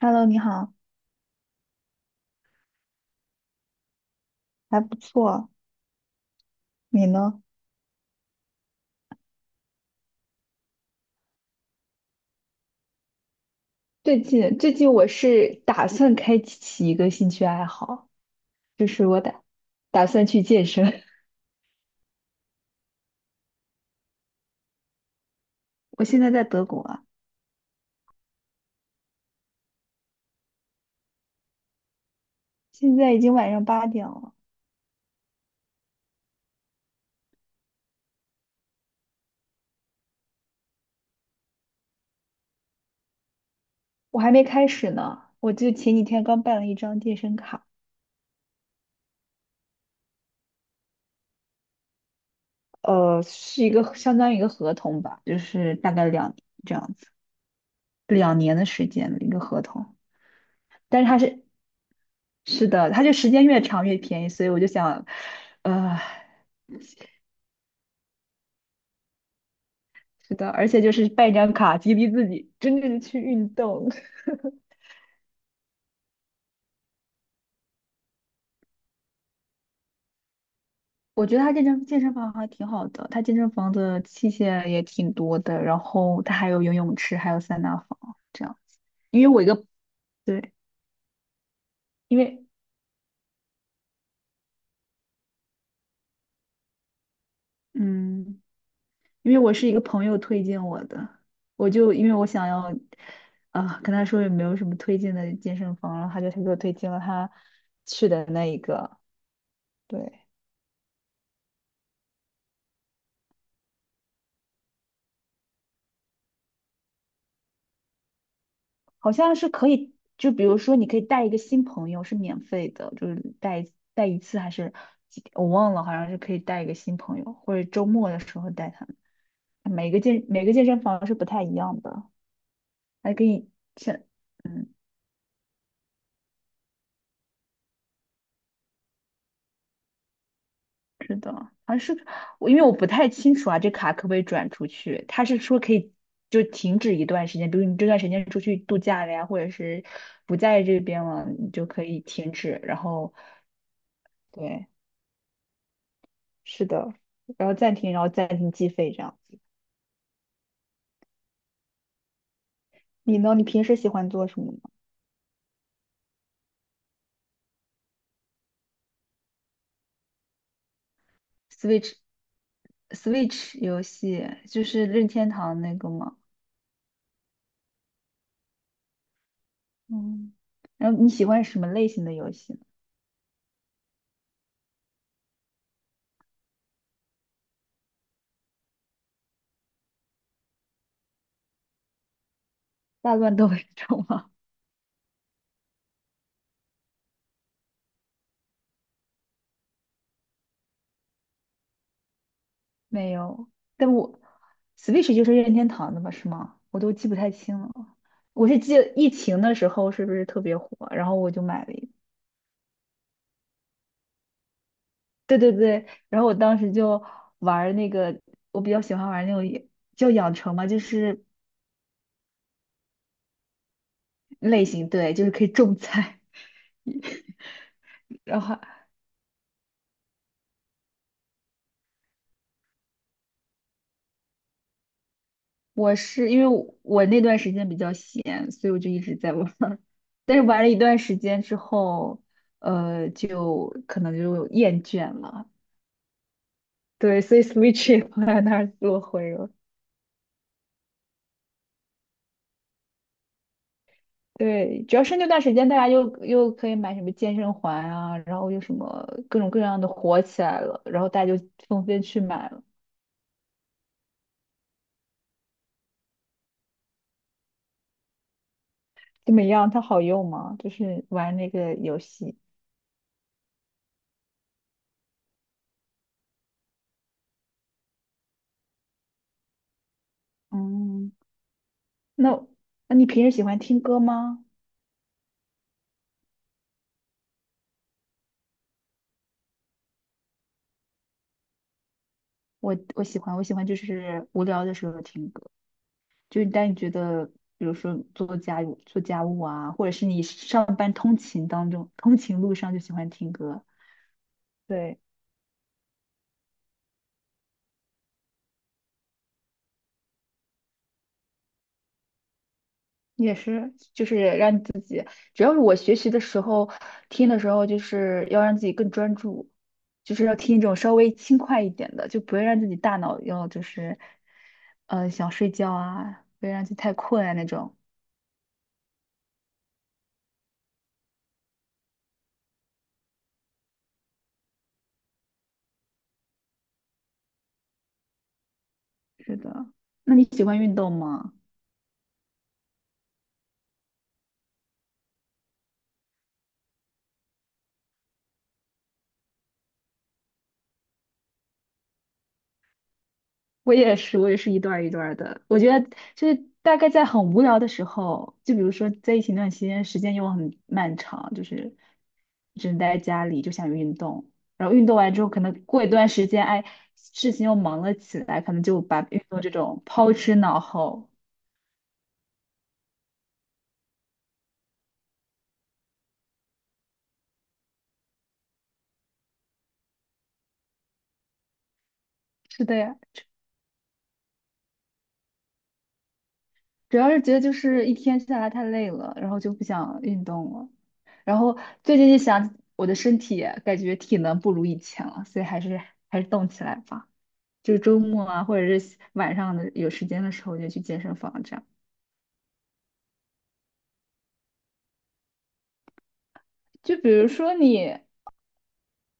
Hello，你好，还不错，你呢？最近我是打算开启一个兴趣爱好，就是我打算去健身，我现在在德国啊，现在已经晚上8点了，我还没开始呢。我就前几天刚办了一张健身卡，是一个相当于一个合同吧，就是大概两这样子，2年的时间的一个合同。但是它是是的，它就时间越长越便宜，所以我就想，呃。是的，而且就是办一张卡激励自己，真正的去运动。我觉得他这张健身房还挺好的，他健身房的器械也挺多的，然后他还有游泳池，还有桑拿房这样。因为我一个，对，因为嗯，因为我是一个朋友推荐我的，我就因为我想要跟他说有没有什么推荐的健身房，然后他给我推荐了他去的那一个，对，好像是可以，就比如说你可以带一个新朋友是免费的，就是带一次还是几天我忘了，好像是可以带一个新朋友，或者周末的时候带他们。每个健身房是不太一样的，还可以像嗯，是的，好像是我因为不太清楚啊，这卡可不可以转出去？他是说可以就停止一段时间，比如你这段时间出去度假了呀，或者是不在这边了，你就可以停止，然后对。是的，然后暂停，然后暂停计费这样子。你呢？你平时喜欢做什么呢？Switch Switch 游戏就是任天堂那个吗？嗯，然后你喜欢什么类型的游戏呢？大乱斗这种吗？没有，但我 Switch 就是任天堂的吧？是吗？我都记不太清了。我是记得疫情的时候是不是特别火，然后我就买了一个。对对对，然后我当时就玩儿那个，我比较喜欢玩儿那种也叫养成嘛，就是类型，对，就是可以种菜。然后我是因为我那段时间比较闲，所以我就一直在玩儿。但是玩了一段时间之后，就可能就厌倦了。对，所以 Switch 也放在那儿落灰了。对，主要是那段时间大家又可以买什么健身环啊，然后又什么各种各样的火起来了，然后大家就纷纷去买了。怎么样？它好用吗？就是玩那个游戏。嗯。那那你平时喜欢听歌吗？我喜欢就是无聊的时候听歌。就是当你觉得，比如说做家务、做家务啊，或者是你上班通勤当中、通勤路上就喜欢听歌。对，也是，就是让你自己，主要是我学习的时候听的时候，就是要让自己更专注，就是要听一种稍微轻快一点的，就不会让自己大脑要就是，想睡觉啊，不要让自己太困啊那种。是的，那你喜欢运动吗？我也是，我也是一段儿一段儿的。我觉得就是大概在很无聊的时候，就比如说在一情那段期间，时间又很漫长，就是只能待在家里，就想运动。然后运动完之后，可能过一段时间，哎，事情又忙了起来，可能就把运动这种抛之脑后。是的呀。主要是觉得就是一天下来太累了，然后就不想运动了。然后最近就想我的身体感觉体能不如以前了，所以还是动起来吧。就是周末啊，或者是晚上的有时间的时候就去健身房这样。就比如说你，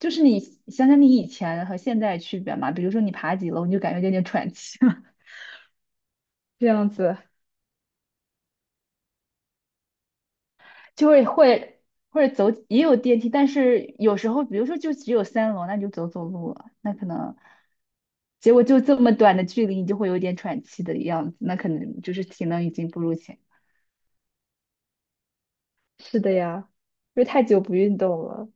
就是你想想你以前和现在的区别嘛，比如说你爬几楼你就感觉有点喘气了，这样子。就会会或者走也有电梯，但是有时候比如说就只有3楼，那你就走走路了，那可能结果就这么短的距离，你就会有点喘气的样子，那可能就是体能已经不如前。是的呀，因为太久不运动了。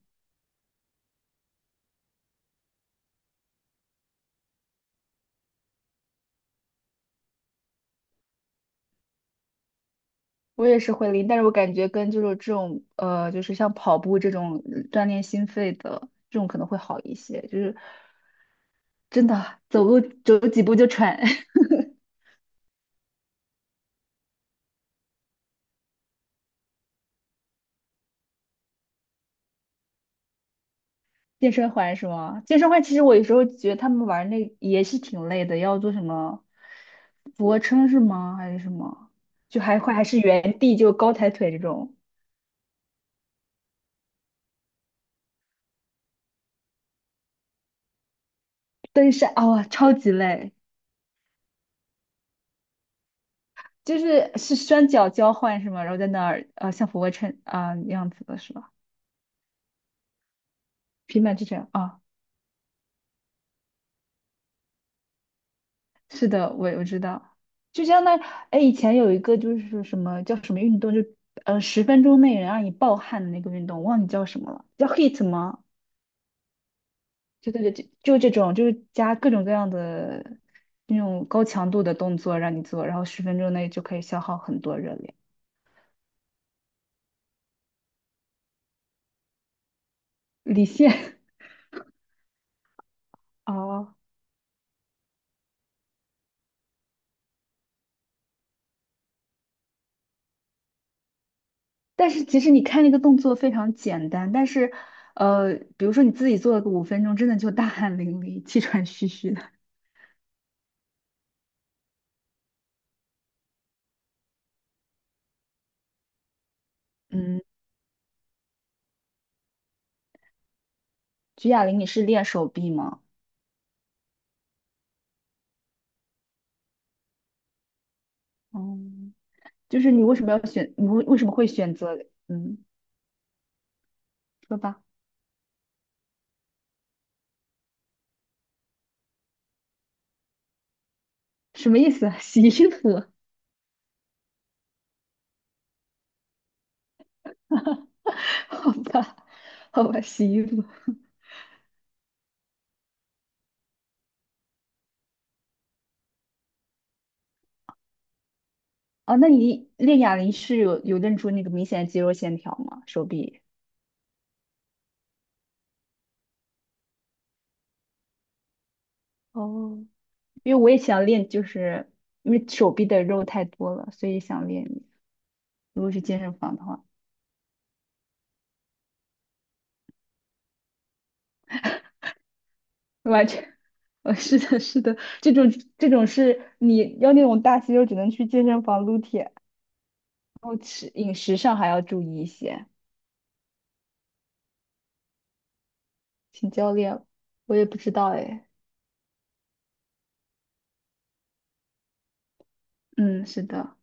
我也是会拎，但是我感觉跟就是这种就是像跑步这种锻炼心肺的这种可能会好一些，就是真的走路走几步就喘。健身环是吗？健身环其实我有时候觉得他们玩那也是挺累的，要做什么俯卧撑是吗？还是什么？就还会还是原地就高抬腿这种，登山啊、哇超级累，是双脚交换是吗？然后在那儿像俯卧撑啊、样子的是吧？平板支撑啊，是的，我知道，就相当于哎以前有一个就是什么叫什么运动，就十分钟内能让你暴汗的那个运动，忘记叫什么了，叫 HIIT 吗？就对对，就这种，就是加各种各样的那种高强度的动作让你做，然后十分钟内就可以消耗很多热量，李现 哦，但是其实你看那个动作非常简单，但是比如说你自己做了个5分钟，真的就大汗淋漓、气喘吁吁的。嗯，举哑铃你是练手臂吗？哦，就是你为什么要选，你为什么会选择？嗯，说吧，什么意思啊？洗衣服？好吧，好吧，洗衣服。哦，那你练哑铃是有练出那个明显的肌肉线条吗？手臂？哦，因为我也想练，就是因为手臂的肉太多了，所以想练。如果去健身房的话，完全，是的，是的，这种是你要那种大肌肉，只能去健身房撸铁，然后吃饮食上还要注意一些，请教练了我也不知道哎，嗯，是的，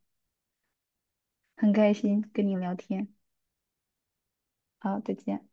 很开心跟你聊天，好，再见。